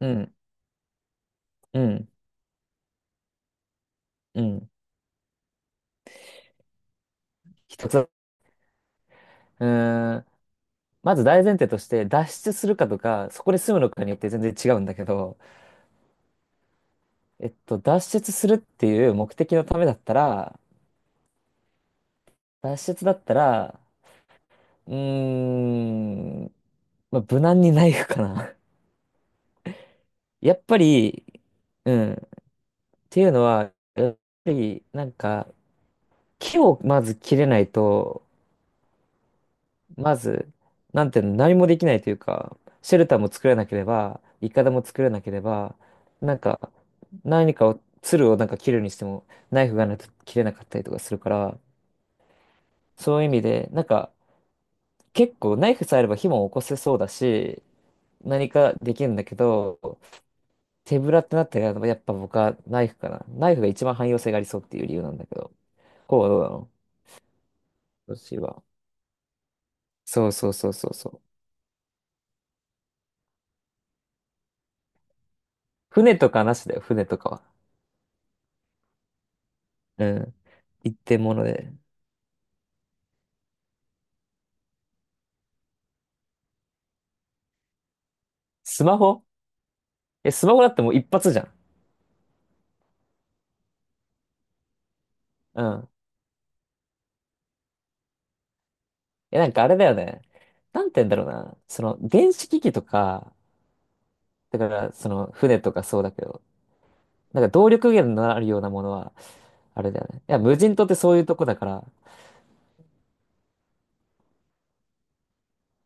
うん、うん、うん。一つ。ーん、まず大前提として、脱出するかとか、そこで住むのかによって全然違うんだけど、脱出するっていう目的のためだったら、脱出だったら、うーん、まあ、無難にナイフかな。やっぱり、うん、っていうのは、やっぱり、なんか、木をまず切れないと、まず、なんていうの、何もできないというか、シェルターも作れなければ、いかだも作れなければ、なんか、何かを、鶴をなんか切るにしても、ナイフがないと切れなかったりとかするから、そういう意味で、なんか、結構ナイフさえあれば火も起こせそうだし、何かできるんだけど、手ぶらってなったら、やっぱ僕はナイフかな。ナイフが一番汎用性がありそうっていう理由なんだけど。こうはどうなの？私は。そうそうそうそうそう。船とかなしだよ、船とかは。うん。一点物で。スマホ。え、スマホだってもう一発じゃん。うん。え、なんかあれだよね。なんて言うんだろうな。その、電子機器とか、だから、その、船とかそうだけど、なんか動力源のあるようなものは、あれだよね。いや、無人島ってそういうとこだから。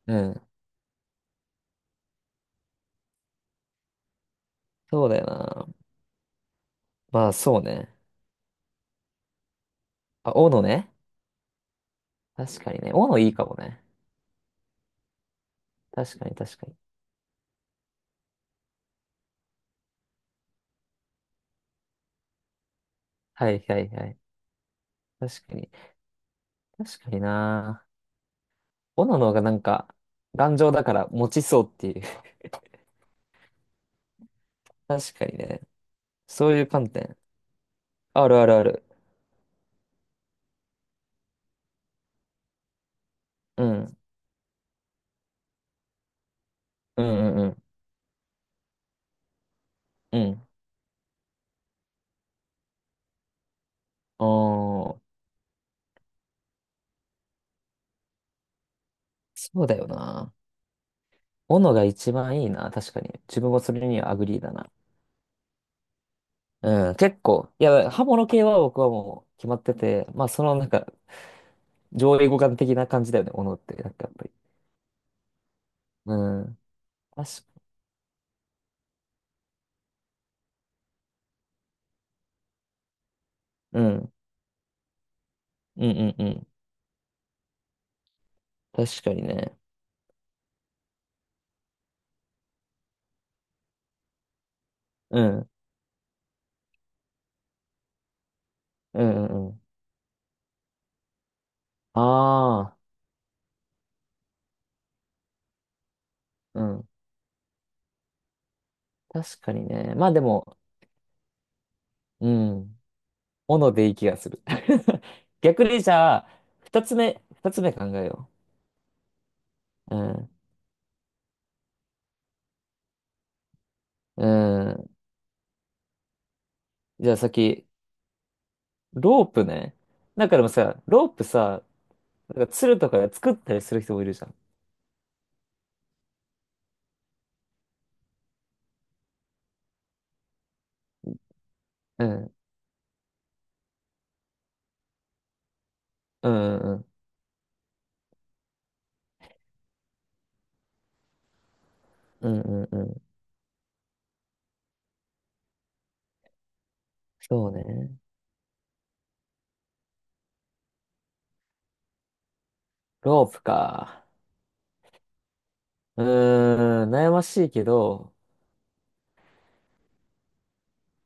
うん。そうだよな。まあ、そうね。あ、斧ね。確かにね。斧いいかもね。確かに、確かに。はいはいはい。確かに。確かにな。斧の方がなんか、頑丈だから持ちそうっていう。確かにね。そういう観点。あるあるある。うん。うんうんうん。うん。おー、そうだよな。斧が一番いいな。確かに。自分はそれにはアグリーだな。うん。結構。いや、刃物系は僕はもう決まってて、まあそのなんか、上位互換的な感じだよね。斧って。なんかやっぱり。うん。確か、うん。うんうんうん。確かにね。うん。うんうんうん。ああ。うん。確かにね。まあでも、うん。斧でいい気がする。逆にじゃあ、二つ目考えよう。うん。うん。じゃあ先、ロープね。なんかでもさ、ロープさ、なんか鶴とかで作ったりする人もいるじゃん。うん。うんうんうん。うんうんうん。そうね。ロープか。悩ましいけど、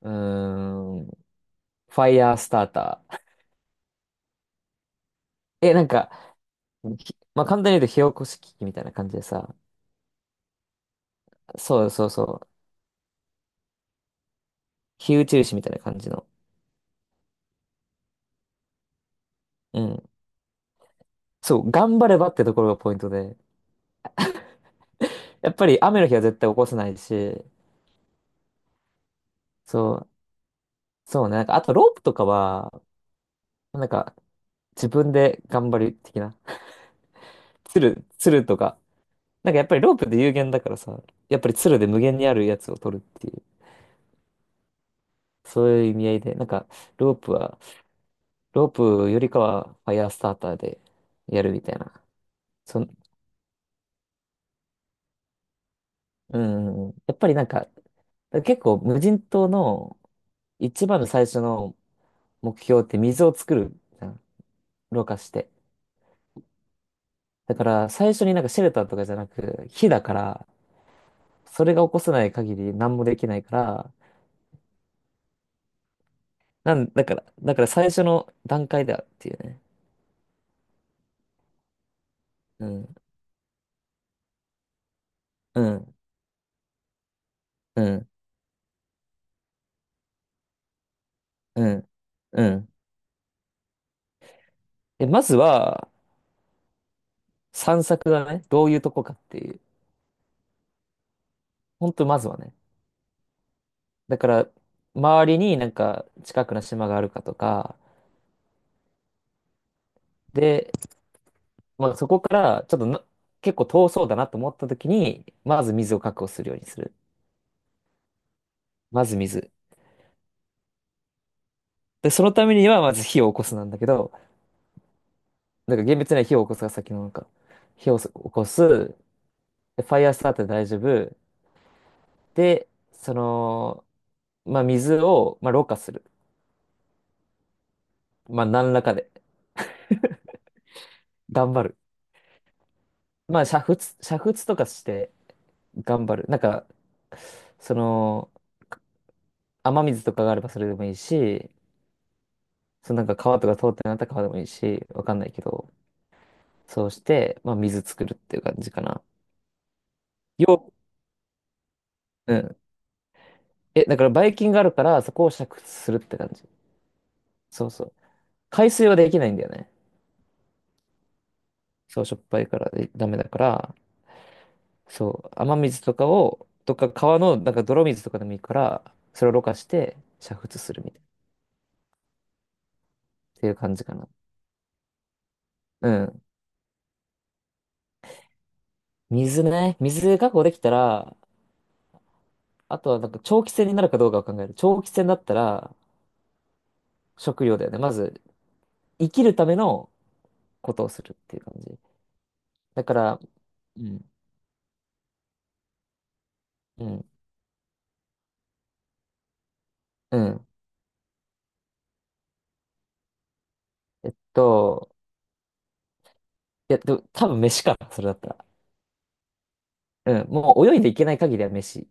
うーん。ファイヤースターター。え、なんか、まあ、簡単に言うと火起こし器みたいな感じでさ、そうそうそう。火打ち石みたいな感じの。うん。そう、頑張ればってところがポイントで。やっぱり雨の日は絶対起こせないし、そう、そうね。なんか、あとロープとかは、なんか、自分で頑張る的な。つるとか。なんかやっぱりロープで有限だからさ、やっぱりつるで無限にあるやつを取るっていう、そういう意味合いで、なんか、ロープは、ロープよりかはファイヤースターターでやるみたいな。そん、うん、やっぱりなんか、結構無人島の一番の最初の目標って水を作る。ろ過して。だから、最初になんかシェルターとかじゃなく、火だから、それが起こさない限り何もできないから、だから最初の段階だっていうね。うん、うん、うん、うん、うん。で、まずは、散策だね。どういうとこかっていう。ほんと、まずはね。だから、周りになんか近くの島があるかとか、で、まあ、そこからちょっとな結構遠そうだなと思った時に、まず水を確保するようにする。まず水。で、そのためには、まず火を起こすなんだけど、なんか厳密には火を起こすが先のなんか、火を起こす、でファイアースタートで大丈夫。で、その、まあ、水を、まあ、ろ過する。まあ、何らかで、頑張る。まあ、煮沸とかして頑張る。なんか、その、雨水とかがあればそれでもいいし、そのなんか川とか通ってなかったら川でもいいし、わかんないけど、そうして、まあ、水作るっていう感じかな。よ、うん。え、だから、ばい菌があるから、そこを煮沸するって感じ。そうそう。海水はできないんだよね。そう、しょっぱいからダメだから、そう、雨水とかを、とか川のなんか泥水とかでもいいから、それをろ過して煮沸するみたいな、っていう感じかな。うん。水ね。水確保できたら、あとはなんか長期戦になるかどうかを考える。長期戦だったら、食料だよね。まず、生きるためのことをするっていう感じ。だから、うん、うん、うん。えっと、いや、でも多分飯か、それだったら。うん、もう泳いでいけない限りは飯。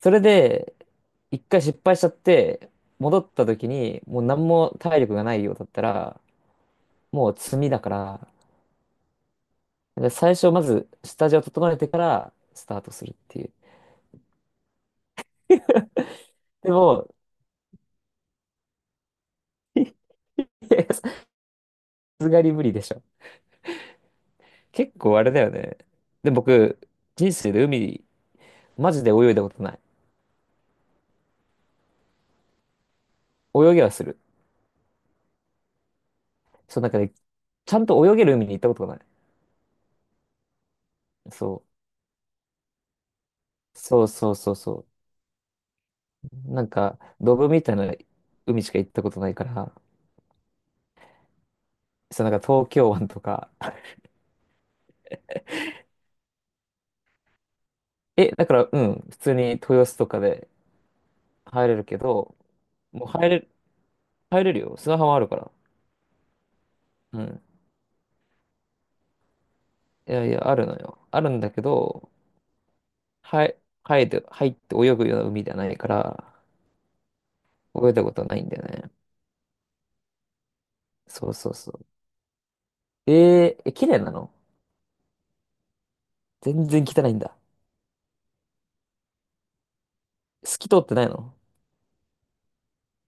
それで、一回失敗しちゃって、戻った時に、もう何も体力がないようだったら、もう積みだから、で最初まず下地を整えてからスタートするっていう。でも、いやさすがに無理でしょ。結構あれだよね。で、僕、人生で海、マジで泳いだことない。泳ぎはする。そう、なんかね、ちゃんと泳げる海に行ったことがない。そう。そうそうそうそう。なんか、ドブみたいな海しか行ったことないから、そう、なんか東京湾とか。え、だから、うん、普通に豊洲とかで入れるけど、もう入れるよ。砂浜あるから。うん。いやいや、あるのよ。あるんだけど、はい、入って泳ぐような海ではないから、泳いだことはないんだよね。そうそうそう。え、綺麗なの？全然汚いんだ。透き通ってないの？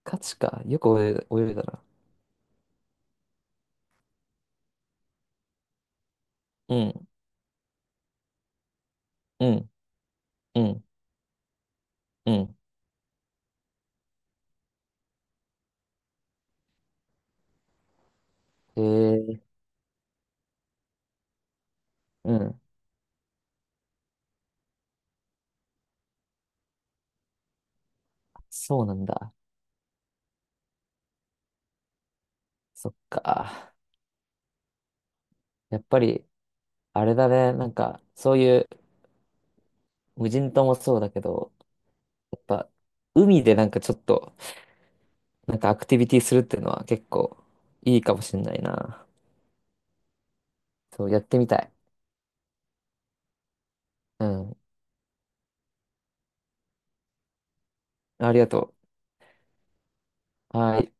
ガチか。よく泳いだな。うん、うん、うん、うん。えー、うん。そうなんだ。そっか。やっぱり、あれだね、なんか、そういう無人島もそうだけど、やっぱ、海でなんかちょっと、なんかアクティビティするっていうのは結構いいかもしんないな。そう、やってみたい。うん。ありがとう。はい。